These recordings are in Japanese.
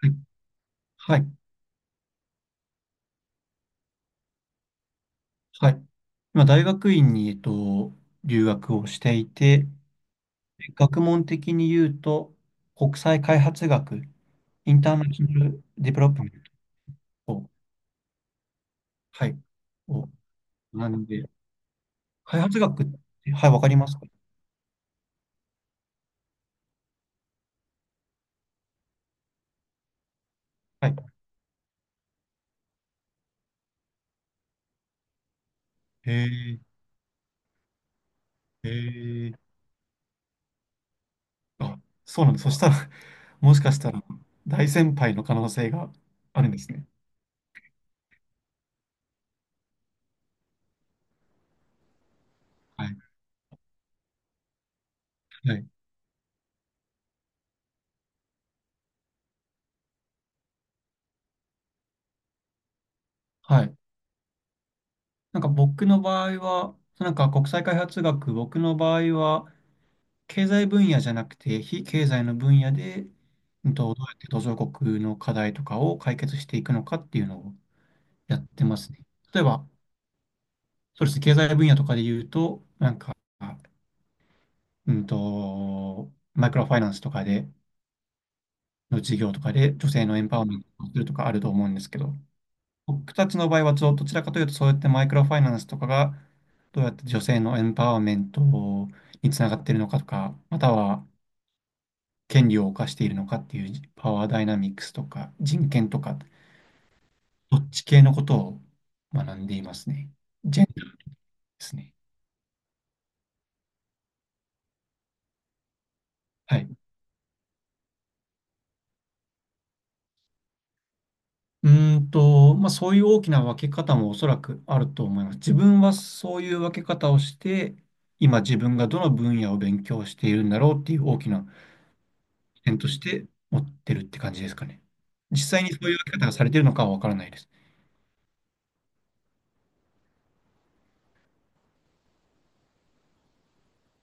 はいはい。はい、今、大学院に、留学をしていて、学問的に言うと、国際開発学、インターナショナルディベロップメントを、はい、を学んで、開発学って、はい、わかりますか？はい。へえ、へえ、あ、そうなんです。そしたら、もしかしたら、大先輩の可能性があるんですね。はい。はい。はい。なんか僕の場合は、なんか国際開発学、僕の場合は、経済分野じゃなくて、非経済の分野で、どうやって途上国の課題とかを解決していくのかっていうのをやってますね。例えば、そうですね、経済分野とかで言うと、なんか、マイクロファイナンスとかで、の事業とかで女性のエンパワーメントをするとかあると思うんですけど、僕たちの場合はどちらかというと、そうやってマイクロファイナンスとかが、どうやって女性のエンパワーメントにつながっているのかとか、または、権利を侵しているのかっていうパワーダイナミックスとか人権とか、どっち系のことを学んでいますね。ジェンダーですね。はい。うまあ、そういう大きな分け方もおそらくあると思います。自分はそういう分け方をして、今自分がどの分野を勉強しているんだろうっていう大きな点として持ってるって感じですかね。実際にそういう分け方がされているのかはわからないです。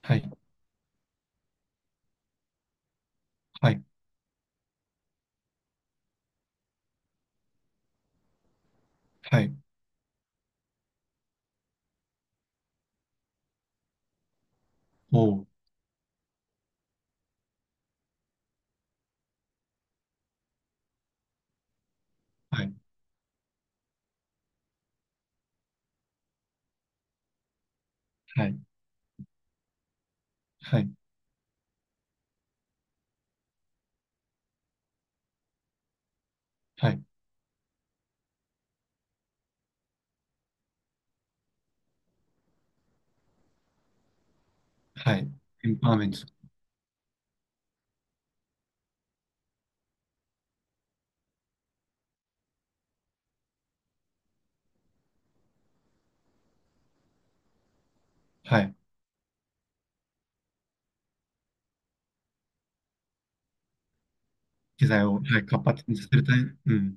はい、はい、はい、おう、はい、はい、はい、はい、はい、エンパワーメント、はい。機材を、はい、活発にさせるため、うん。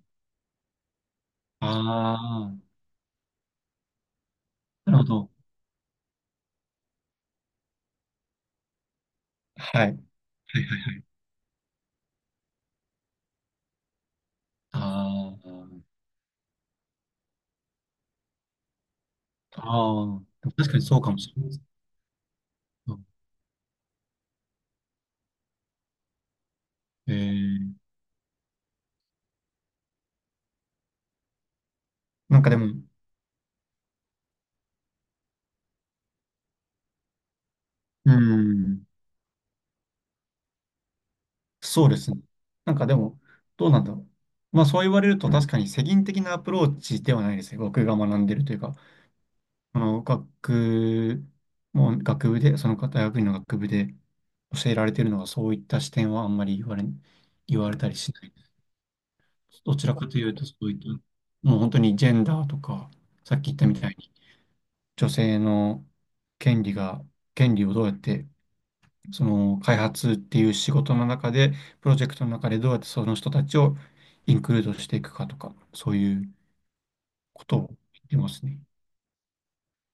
ああ、なるほど。はい。はいはいはい。ああ、ああ、でも確かにそうかもしれないです。ええー、なんかでも、うん、そうですね。なんかでも、どうなんだろう。まあそう言われると確かに世銀的なアプローチではないですね。僕が学んでるというか、あの学もう学部で、その大学院の学部で教えられてるのがそういった視点はあんまり言われたりしない。どちらかというと、そういった、もう本当にジェンダーとか、さっき言ったみたいに、女性の権利が、権利をどうやって、その開発っていう仕事の中で、プロジェクトの中でどうやってその人たちをインクルードしていくかとか、そういうことを言ってますね。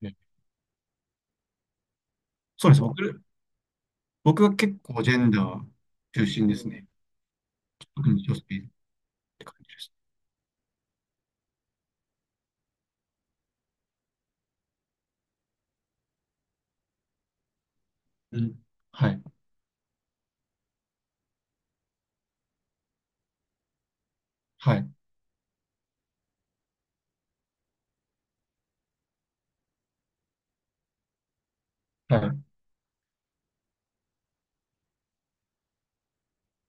ね、そうです。僕は結構ジェンダー中心ですね。特に女性って感じです。うん。はい。はい。はい。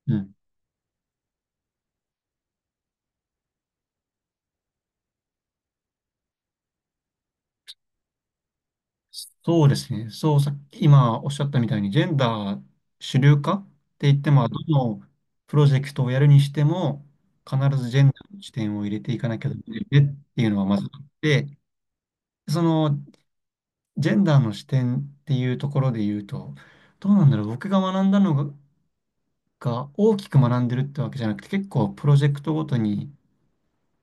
うん。そうですね。そう、さっき今おっしゃったみたいに、ジェンダー主流化って言っても、どのプロジェクトをやるにしても、必ずジェンダーの視点を入れていかなきゃダメでねっていうのはまずあって、そのジェンダーの視点っていうところで言うと、どうなんだろう、僕が大きく学んでるってわけじゃなくて、結構プロジェクトごとに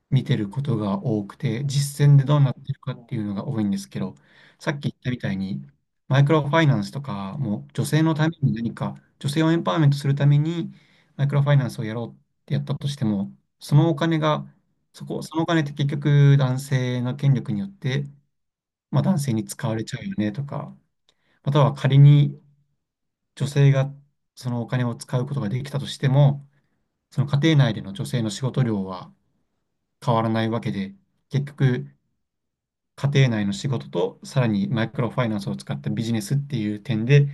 見てることが多くて、実践でどうなってるかっていうのが多いんですけど、さっき言ったみたいに、マイクロファイナンスとかも女性のために何か、女性をエンパワーメントするためにマイクロファイナンスをやろうってやったとしても、そのお金が、そこ、そのお金って結局男性の権力によって、まあ、男性に使われちゃうよねとか、または仮に女性がそのお金を使うことができたとしても、その家庭内での女性の仕事量は変わらないわけで、結局、家庭内の仕事と、さらにマイクロファイナンスを使ったビジネスっていう点で、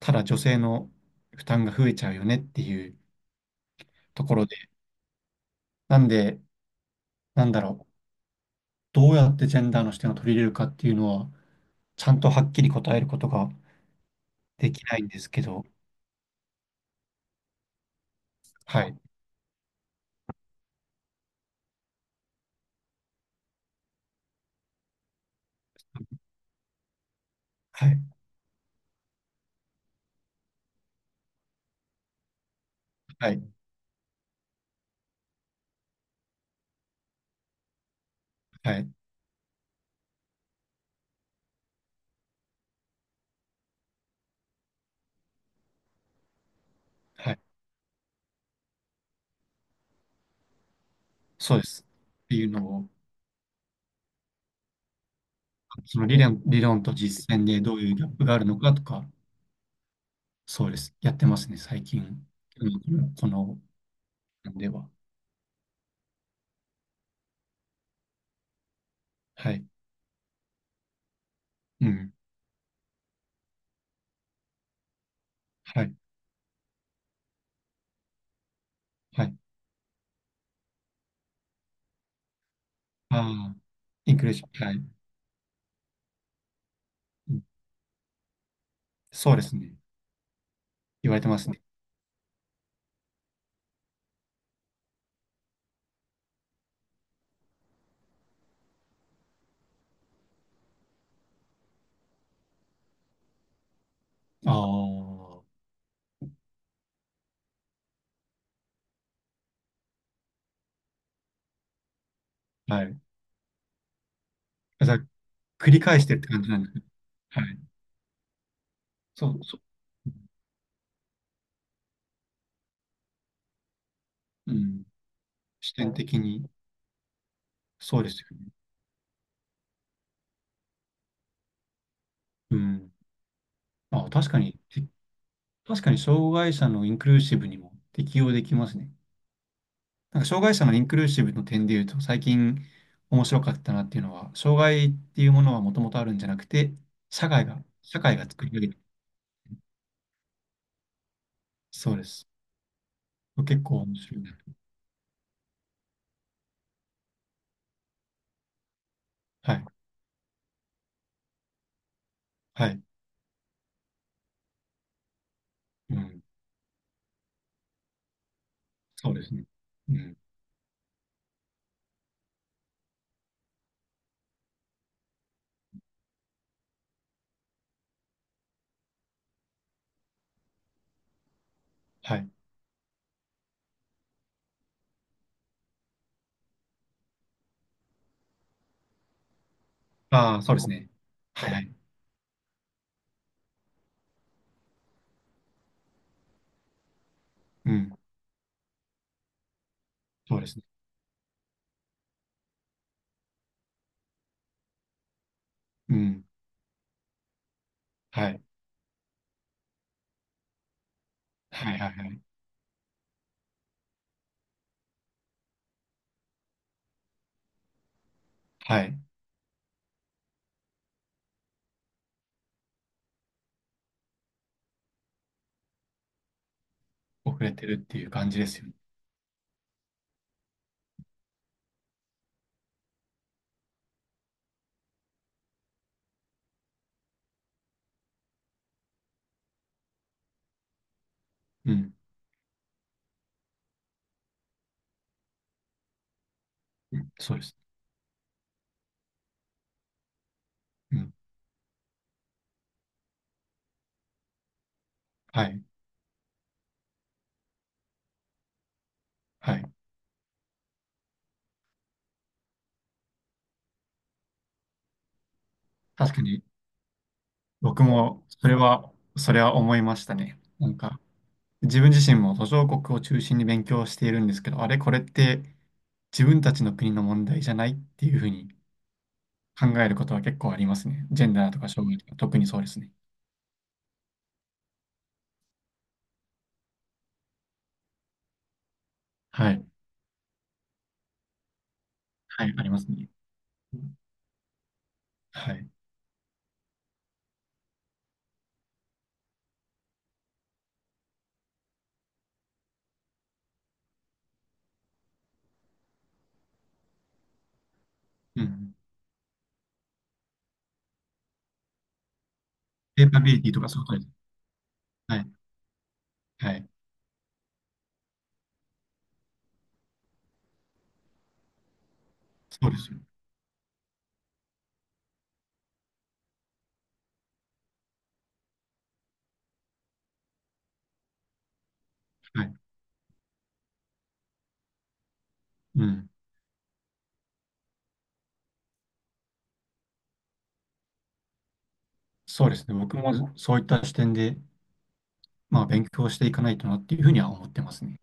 ただ女性の負担が増えちゃうよねっていうところで、なんで、なんだろう、どうやってジェンダーの視点を取り入れるかっていうのは、ちゃんとはっきり答えることができないんですけど、はい、はい、はい、はい、はい、そうです。っていうのを、その理論と実践でどういうギャップがあるのかとか、そうです。やってますね、最近。うんこの、この、では。はい。うん。はい。はい。ああ、インクルージョン。はい。うん、そうですね。言われてますね。ああ、はい。だか繰り返してって感じなんですね。はい。そう、そう。うん。視点的に、そうですよね。うん。あ、確かに障害者のインクルーシブにも適用できますね。なんか障害者のインクルーシブの点で言うと、最近面白かったなっていうのは、障害っていうものはもともとあるんじゃなくて、社会が作り上げてる。そうです。結構面白いな。はい。はい。うん。そうですね。うん。はい。ああ、そうですね。はいはい。うん。そうですね。うん。はい。はいはいはい。はい。遅れてるっていう感じですよね。うん。うん。そうです。うん。はい。はい。確かに、僕も、それは思いましたね。なんか、自分自身も途上国を中心に勉強しているんですけど、あれ、これって自分たちの国の問題じゃないっていうふうに考えることは結構ありますね。ジェンダーとか障害とか、特にそうですね。はい。はい、ありますね。はい。うん。ペーパビリティとかそういうことです。はい。はい。そうですよ。はい。うん。そうですね。僕もそういった視点で、まあ、勉強していかないとなっていうふうには思ってますね。